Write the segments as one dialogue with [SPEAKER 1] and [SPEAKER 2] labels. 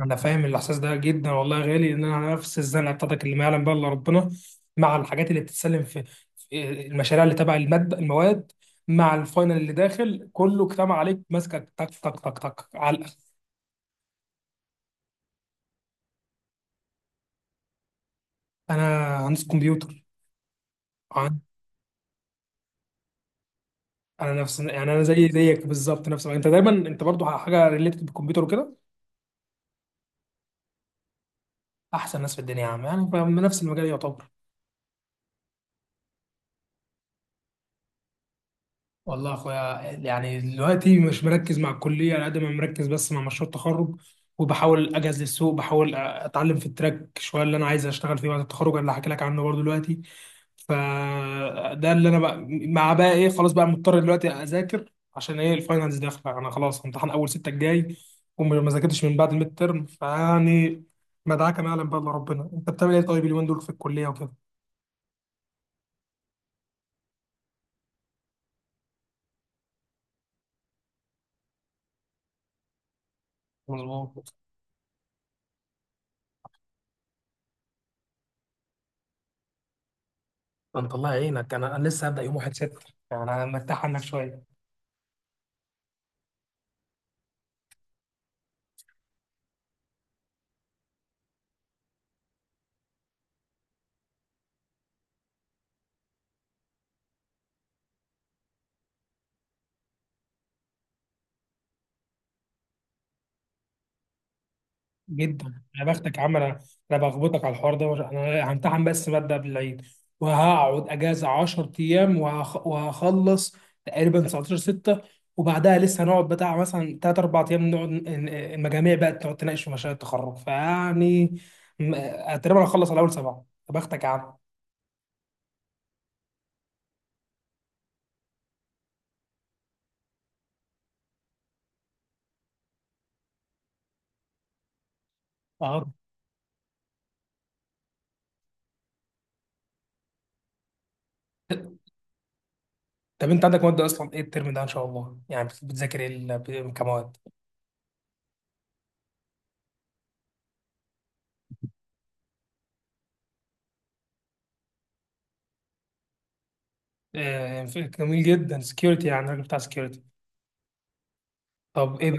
[SPEAKER 1] انا فاهم الاحساس ده جدا، والله يا غالي ان انا على نفس الزنقه بتاعتك اللي ما يعلم بها الا ربنا، مع الحاجات اللي بتتسلم في المشاريع اللي تبع المواد، مع الفاينل اللي داخل كله كتام عليك ماسكك تك تك تك تك على الأخر. انا هندسه كمبيوتر. عن- انا نفس، يعني انا زي زيك بالظبط، نفس انت دايما، انت برضو حاجه ريليتد بالكمبيوتر وكده. احسن ناس في الدنيا يا عم، يعني فاهم، نفس المجال يعتبر. والله يا اخويا يعني دلوقتي مش مركز مع الكليه على قد ما مركز بس مع مشروع التخرج، وبحاول اجهز للسوق، بحاول اتعلم في التراك شويه اللي انا عايز اشتغل فيه بعد التخرج، اللي هحكي لك عنه برضه دلوقتي. فده اللي انا بقى، مع بقى ايه، خلاص بقى مضطر دلوقتي اذاكر عشان ايه الفاينلز داخله، انا خلاص امتحان اول ستة الجاي، وما ذاكرتش من بعد الميد ترم، فيعني مدعكه ما يعلم بقى الا ربنا. انت بتعمل ايه طيب اليومين دول في الكليه وكده؟ مظبوط. انت الله يعينك، انا لسه هبدا يوم 1 6، يعني انا مرتاح عنك شويه. جدا يا بختك يا عم. انا انا بخبطك على الحوار ده، انا همتحن بس ماده قبل العيد، وهقعد اجازه 10 ايام وهخلص تقريبا 19 6، وبعدها لسه هنقعد بتاع مثلا 3 4 ايام نقعد المجاميع بقى تقعد تناقش في مشاريع التخرج، فيعني تقريبا هخلص على اول سبعه. يا بختك يا عم. اه. طب انت عندك مواد اصلا ايه الترم ده ان شاء الله؟ يعني بتذاكر ايه كمواد؟ آه، جميل جدا، سكيورتي، يعني الراجل بتاع سكيورتي. طب ايه؟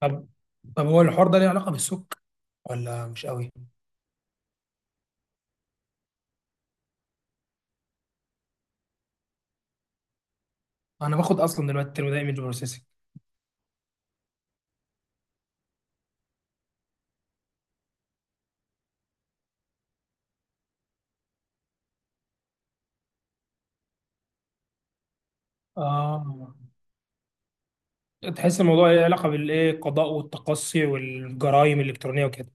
[SPEAKER 1] طب طب هو الحوار ده ليه علاقة بالسك، ولا مش قوي؟ انا باخد اصلا دلوقتي الترم ده ايمج بروسيسنج. اه، تحس الموضوع ليه علاقة بالايه، القضاء والتقصي والجرائم الالكترونية وكده.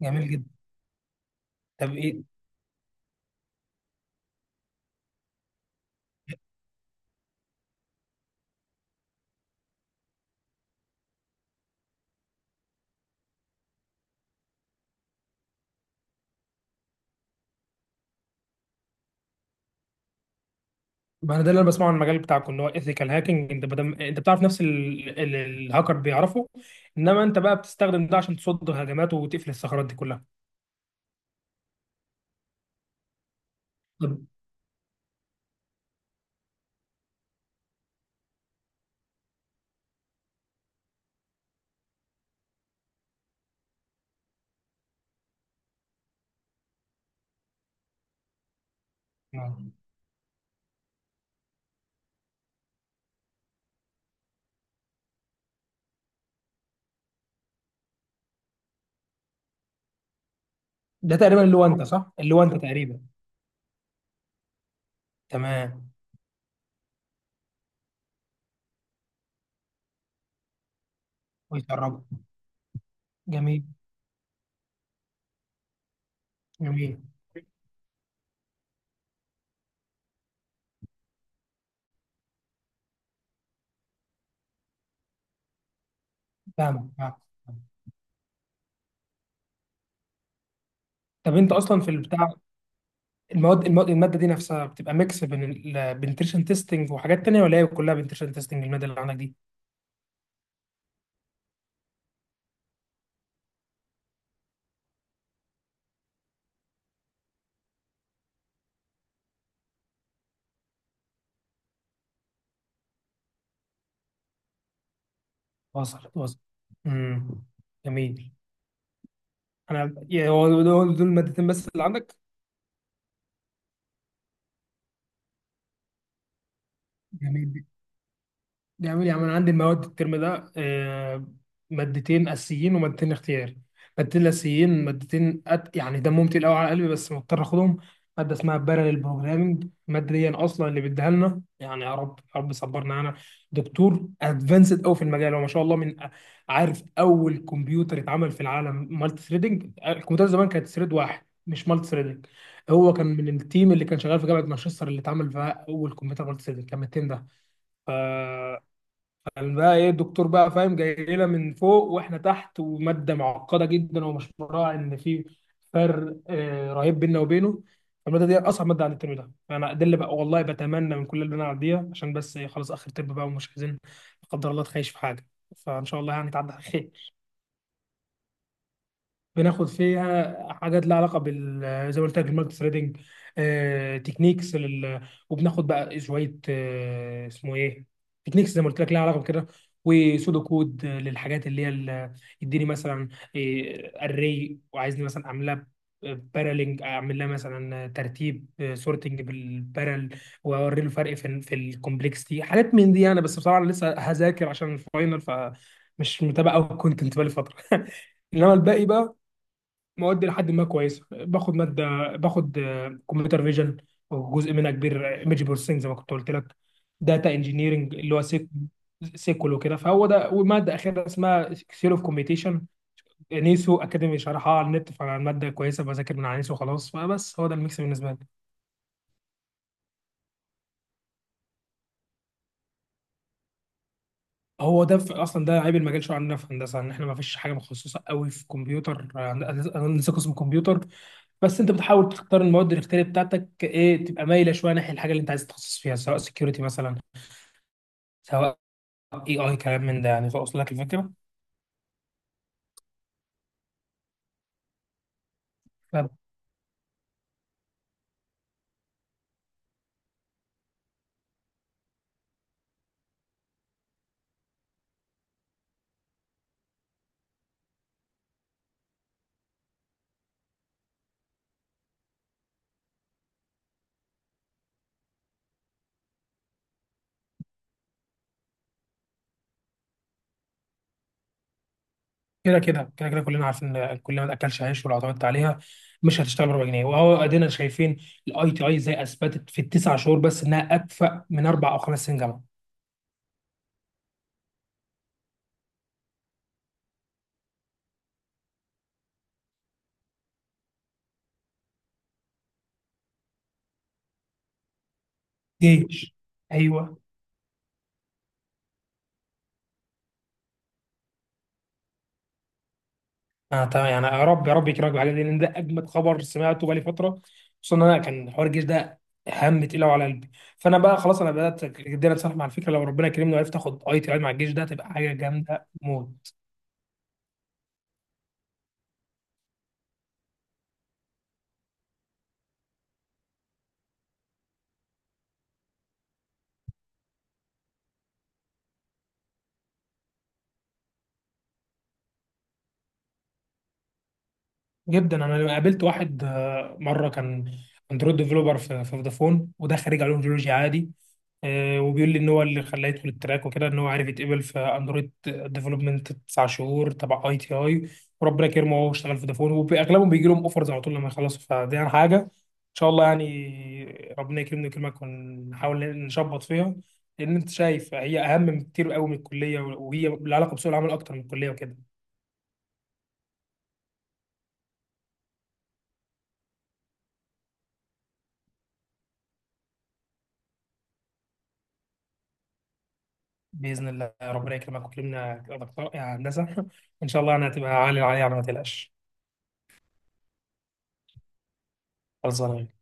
[SPEAKER 1] جميل جدا. طب ايه؟ ما انا ده اللي انا بسمعه عن المجال بتاعكم، اللي هو ايثيكال هاكينج، انت بتعرف نفس الهاكر بيعرفه، انما انت بقى بتستخدم ده عشان تصد هجمات وتقفل الثغرات دي كلها. طب. آه. ده تقريبا اللي هو انت، صح، اللي هو انت تقريبا. تمام. كويس يا رب. جميل. جميل. فاهمك فاهمك. طب انت اصلا في البتاع، المواد الماده دي نفسها بتبقى ميكس بين البنتريشن تيستنج وحاجات تانية، ولا هي كلها بنتريشن تيستنج الماده اللي عندك دي؟ وصل وصل. امم جميل. انا يا- هو دول المادتين بس اللي عندك؟ جميل. بيعمل يا عم، انا عندي المواد الترم ده، آه، مادتين اساسيين ومادتين اختياري. مادتين الاساسيين، مادتين يعني دمهم تقيل قوي على قلبي بس مضطر اخدهم. ماده اسمها باراليل بروجرامنج، الماده دي اصلا اللي بيديها لنا، يعني يا رب يا رب صبرنا، انا دكتور ادفانسد قوي في المجال، هو ما شاء الله عارف اول كمبيوتر اتعمل في العالم مالتي ثريدنج، الكمبيوتر زمان كانت ثريد واحد مش مالتي ثريدنج. هو كان من التيم اللي كان شغال في جامعه مانشستر، اللي اتعمل فيها اول كمبيوتر مالتي ثريدنج، كان من التيم ده. كان بقى ايه الدكتور بقى، فاهم، جاي لنا من فوق واحنا تحت، وماده معقده جدا، ومش مراعي ان في فرق آه، رهيب بيننا وبينه. الماده دي اصعب ماده عندي الترم ده، فانا ده اللي بقى، والله بتمنى من كل اللي انا اعديها، عشان بس إيه، خلاص اخر ترم بقى، ومش عايزين لا قدر الله تخيش في حاجه، فان شاء الله يعني تعدي على خير. بناخد فيها حاجات لها علاقه بال، زي ما قلت لك، المالتي ثريدنج، آه، وبناخد بقى شويه، آه، اسمه ايه، تكنيكس زي ما قلت لك لها علاقه بكده، وسودو كود للحاجات اللي هي يديني مثلا اري وعايزني مثلا اعملها بارالينج، اعمل لها مثلا ترتيب سورتنج بالبارل، واوري له فرق في الكومبلكسيتي، حاجات من دي. انا بس بصراحه أنا لسه هذاكر عشان الفاينل، فمش متابع قوي الكونتنت بقالي فتره انما الباقي بقى مواد لحد ما كويسه. باخد ماده، باخد كمبيوتر فيجن، وجزء منها كبير ايمج بروسيسنج زي ما كنت قلت لك. داتا انجينيرنج، اللي هو سيكول وكده، فهو ده، وماده اخيره اسمها سيول اوف كومبيتيشن، نيسو اكاديمي شرحها على النت، فالماده كويسه، بذاكر من على نيسو خلاص، فبس هو ده الميكس بالنسبه لي. هو ده في اصلا ده عيب المجال شويه عندنا في هندسه، ان احنا ما فيش حاجه متخصصه قوي في كمبيوتر، آه، انا لسه قسم كمبيوتر، بس انت بتحاول تختار المواد الاختياريه بتاعتك ايه، تبقى مايله شويه ناحيه الحاجه اللي انت عايز تتخصص فيها، سواء سكيورتي مثلا، سواء اي اي كلام من ده يعني، فاوصل لك الفكره؟ طب كده كلنا عارفين ان كل ما تاكلش عيش، ولو اعتمدت عليها مش هتشتغل، ب 4 جنيه وهو ادينا شايفين، الاي تي اي زي اثبتت في التسع شهور بس انها اكفأ من اربع او خمس سنين جامعه. جيش؟ ايوه. اه تمام، يعني يا رب يا رب يكرمك بالحاجات دي، لان ده اجمد خبر سمعته بقالي فتره، خصوصا ان انا كان حوار الجيش ده هم تقيل قوي على قلبي، فانا بقى خلاص انا بدات جدا اتصالح مع الفكره، لو ربنا كرمني وعرفت اخد اي تي اي مع الجيش ده، تبقى حاجه جامده موت. جدا. انا قابلت واحد آه، مره، كان اندرويد ديفلوبر في فودافون، وده خريج علوم جيولوجيا عادي، آه، وبيقول لي ان هو اللي خلاه يدخل التراك وكده، ان هو عارف يتقبل في اندرويد ديفلوبمنت تسع شهور تبع اي تي اي، وربنا كرمه وهو اشتغل في فودافون. واغلبهم بيجي لهم اوفرز على طول لما يخلصوا، فدي يعني حاجه ان شاء الله، يعني ربنا يكرمني ويكرمك ونحاول نشبط فيها، لان انت شايف هي اهم بكتير قوي من الكليه، وهي لها علاقه بسوق العمل اكتر من الكليه وكده. باذن الله، ربنا يكرمك ويكرمنا يا دكتور يا هندسه ان شاء الله انا هتبقى عالي العالي، على ما تقلقش. خلصانه.